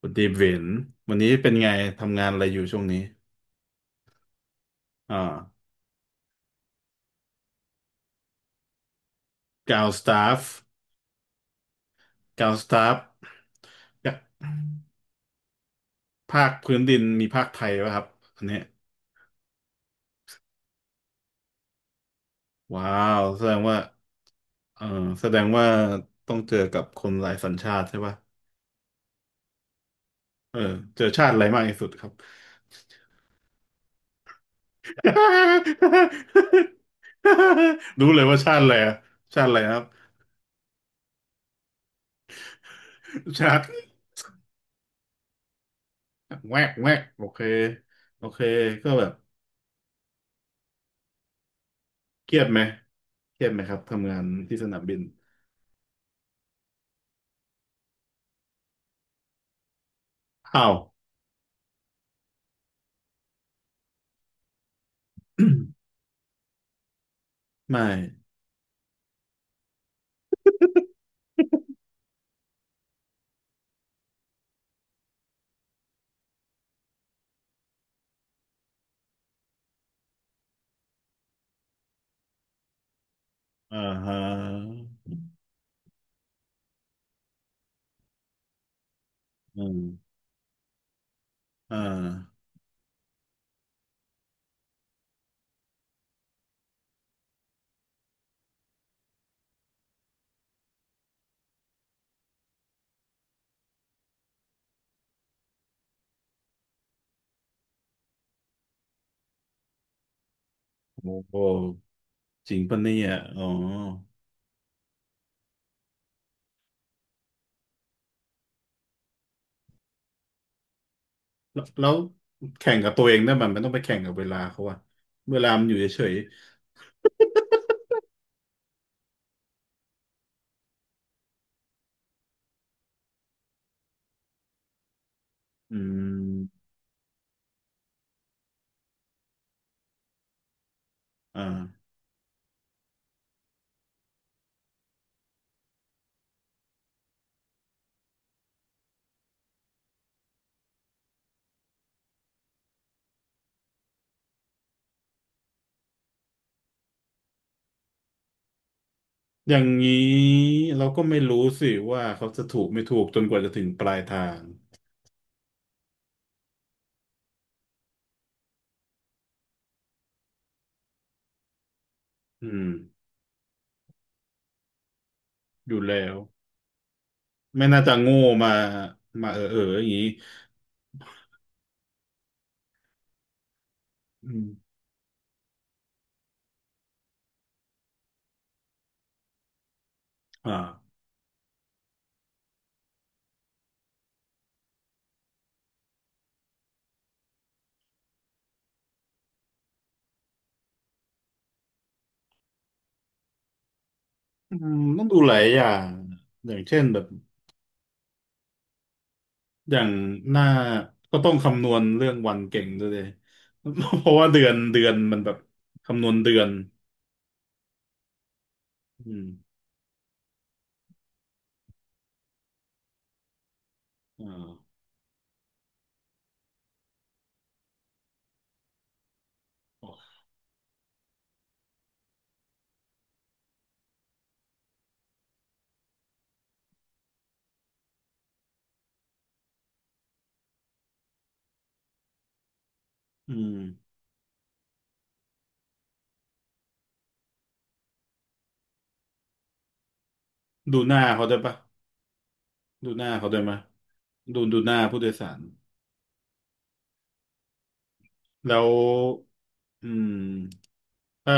คุณดีเวนวันนี้เป็นไงทำงานอะไรอยู่ช่วงนี้อ่ากาวสตาฟกาวสตาฟภาคพื้นดินมีภาคไทยป่ะครับอันเนี้ยว้าว แสดงว่าเออแสดงว่าต้องเจอกับคนหลายสัญชาติใช่ป่ะเออเจอชาติอะไรมากที่สุดครับ รู้เลยว่าชาติอะไรอะชาติอะไรครับชาติแวกแวกโอเค โอเคก็แบบเครียดไหมเครียดไหมครับทำงานที่สนามบิน อ้าว ไม่อ่าฮะอืมอ่าโอ้โหจริงปะเนี่ยอ๋อแล้วแข่งกับตัวเองได้มันต้องไปแข่งกับเวลาเขาอะเวลามันอยู่เฉยๆอืมอ่าอย่างนี้เราก็ไม่รู้สิว่าเขาจะถูกไม่ถูกจนกว่าจะถึงปลายทางอืมอยู่แล้วไม่น่าจะโง่มามาอย่างนี้อืมอ่าอืมต้องดูหลายอย่างอย่างเช่นแบบ อย่างหน้าก็ต้องคำนวณเรื่องวันเก่งด้วยเลย เพราะว่าเดือนมันแบบคำนวณเดือนอืมอ่าโอเคอืมดูหน้าเขาได้วยปะดูหน้าเขาได้วยไหมยดูหน้าผู้โดยสารแล้วอืมถ้า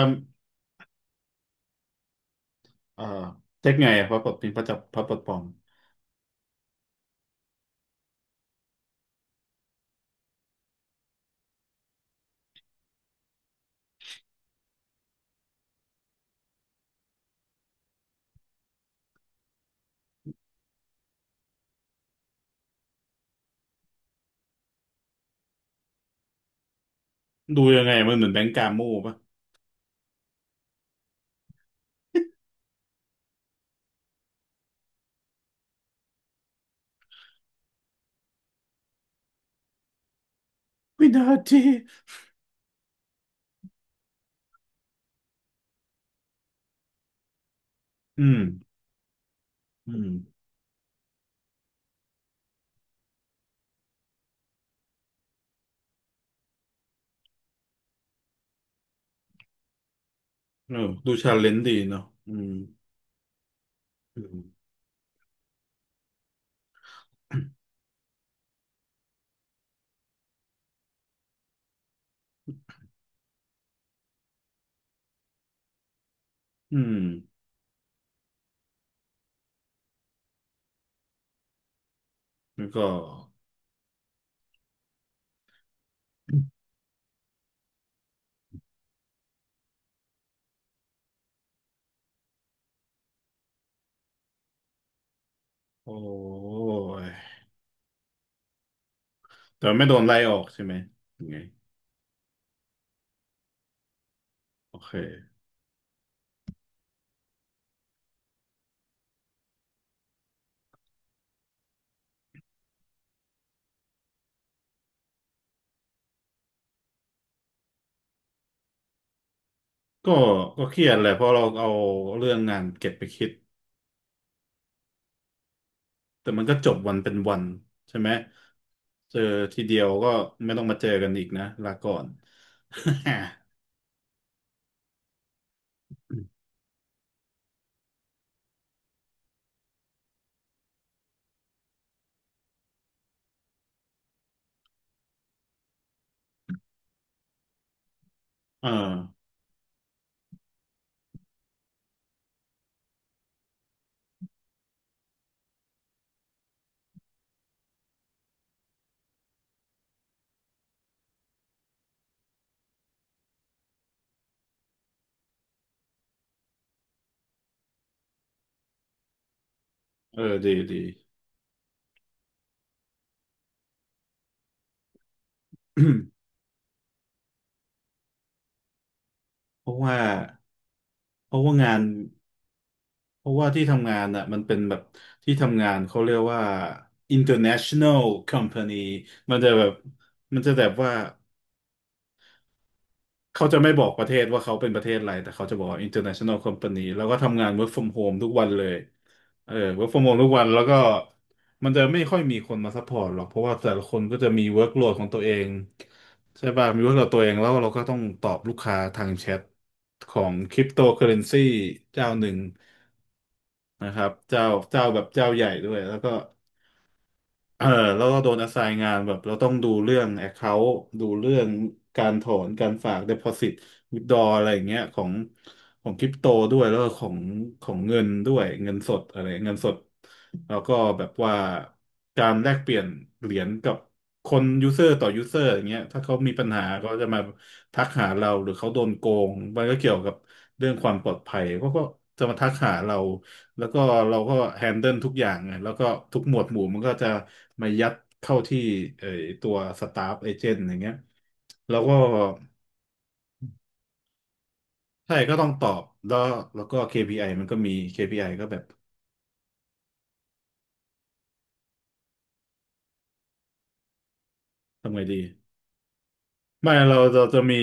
เอ่อเช็คไงอะพระปลดนี้พระจับพระปลดปลอมดูยังไงมันเหมือนแบงก์กาโม่ปะวินาทีอืมอืมเออดูชาเลนจ์ดีเนาะอืมอืมอืมแล้วก็ โอ้ยแต่ไม่โดนไล่ออกใช่ไหมยังไงโอเคก็ก็เครียดแหละเพราะเราเอาเรื่องงานเก็บไปคิดแต่มันก็จบวันเป็นวันใช่ไหมเจอทีเดียวก็ไม่ต้องมาเจอกันอีกนะลาก่อน เออเออดีดี เพราะว่าเพราะว่างานเพราะว่าที่ทำงานอ่ะมันเป็นแบบที่ทำงานเขาเรียกว่า international company มันจะแบบมันจะแบบว่า เขาจะไม่บอกประเทศว่าเขาเป็นประเทศอะไรแต่เขาจะบอกว่า international company แล้วก็ทำงาน work from home ทุกวันเลยเออ work from home ทุกวันแล้วก็มันจะไม่ค่อยมีคนมาซัพพอร์ตหรอกเพราะว่าแต่ละคนก็จะมี workload ของตัวเองใช่ป่ะมี workload ตัวเองแล้วเราก็ต้องตอบลูกค้าทางแชทของ cryptocurrency เจ้าหนึ่งนะครับเจ้าเจ้าแบบเจ้าใหญ่ด้วยแล้วก็ เออแล้วก็โดน assign งานแบบเราต้องดูเรื่อง account ดูเรื่องการถอนการฝาก deposit withdraw อะไรอย่างเงี้ยของคริปโตด้วยแล้วก็ของเงินด้วยเงินสดอะไรเงินสดแล้วก็แบบว่าการแลกเปลี่ยนเหรียญกับ คนยูเซอร์ต่อยูเซอร์อย่างเงี้ยถ้าเขามีปัญหาก็จะมาทักหาเราหรือเขาโดนโกงมันก็เกี่ยวกับเรื่องความปลอดภัยเขาก็จะมาทักหาเราแล้วก็เราก็แฮนเดิลทุกอย่างไงแล้วก็ทุกหมวดหมู่มันก็จะมายัดเข้าที่เอ่อตัวสตาฟเอเจนต์อย่างเงี้ยแล้วก็ใช่ก็ต้องตอบแล้วแล้วก็ KPI มันก็มี KPI ก็แบบทำไงดี ไม่เราจะมี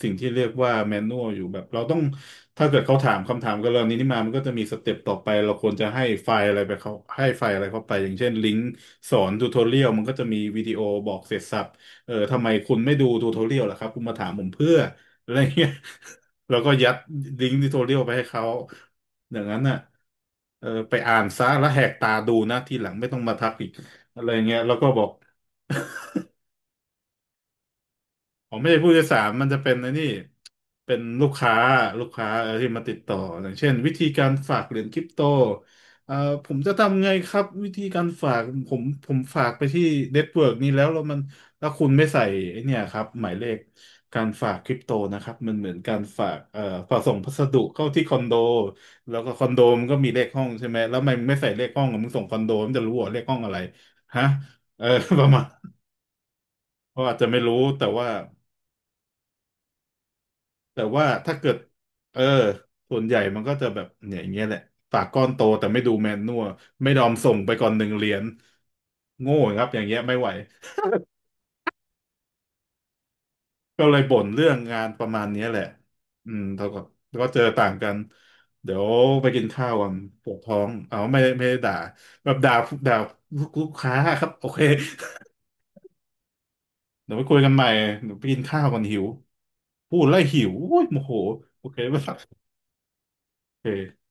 สิ่งที่เรียกว่าแมนนวลอยู่แบบเราต้องถ้าเกิดเขาถามคำถามกับเรานี้นี่มามันก็จะมีสเต็ปต่อไปเราควรจะให้ไฟล์อะไรไปเขาให้ไฟล์อะไรเข้าไปอย่างเช่นลิงก์สอนทูทอเรียลมันก็จะมีวิดีโอบอกเสร็จสับเออทำไมคุณไม่ดูทูทอเรียลล่ะครับคุณมาถามผมเพื่ออะไรเงี้ย แล้วก็ยัดลิงก์ทูทอเรียลไปให้เขาอย่างนั้นน่ะเออไปอ่านซะแล้วแหกตาดูนะทีหลังไม่ต้องมาทักอีกอะไรเงี้ยแล้วก็บอก ผมไม่ใช่ผู้โดยสารมันจะเป็นในนี่เป็นลูกค้าลูกค้าเออที่มาติดต่ออย่างเช่นวิธีการฝากเหรียญคริปโตเอ่อผมจะทำไงครับวิธีการฝากผมฝากไปที่เน็ตเวิร์กนี้แล้วแล้วคุณไม่ใส่ไอ้เนี่ยครับหมายเลขการฝากคริปโตนะครับมันเหมือนการฝากฝากส่งพัสดุเข้าที่คอนโดแล้วก็คอนโดมันก็มีเลขห้องใช่ไหมแล้วทำไมมึงไม่ใส่เลขห้องอะมึงส่งคอนโดมันจะรู้เหรอเลขห้องอะไรฮะเออ ประมาณเขาอาจจะไม่รู้แต่ว่า แต่ว่าถ้าเกิดเออส่วนใหญ่มันก็จะแบบเนี่ยอย่างเงี้ยแหละปากก้อนโตแต่ไม่ดูแมนนัวไม่ยอมส่งไปก่อนหนึ่งเหรียญโง่ครับอย่างเงี้ยไม่ไหวก็เลยบ่นเรื่องงานประมาณเนี้ยแหละอืมเท่ากับแล้วก็เจอต่างกันเดี๋ยวไปกินข้าวกอนปวดท้องเอาไม่ได้ไม่ได้ด่าแบบด่าด่าลูกค้าครับโอเค เดี๋ยวไปคุยกันใหม่เดี๋ยวไปกินข้าวก่อนหิวพูดแล้วหิวโอ้ยโมโหโอเค ป่ะโอเค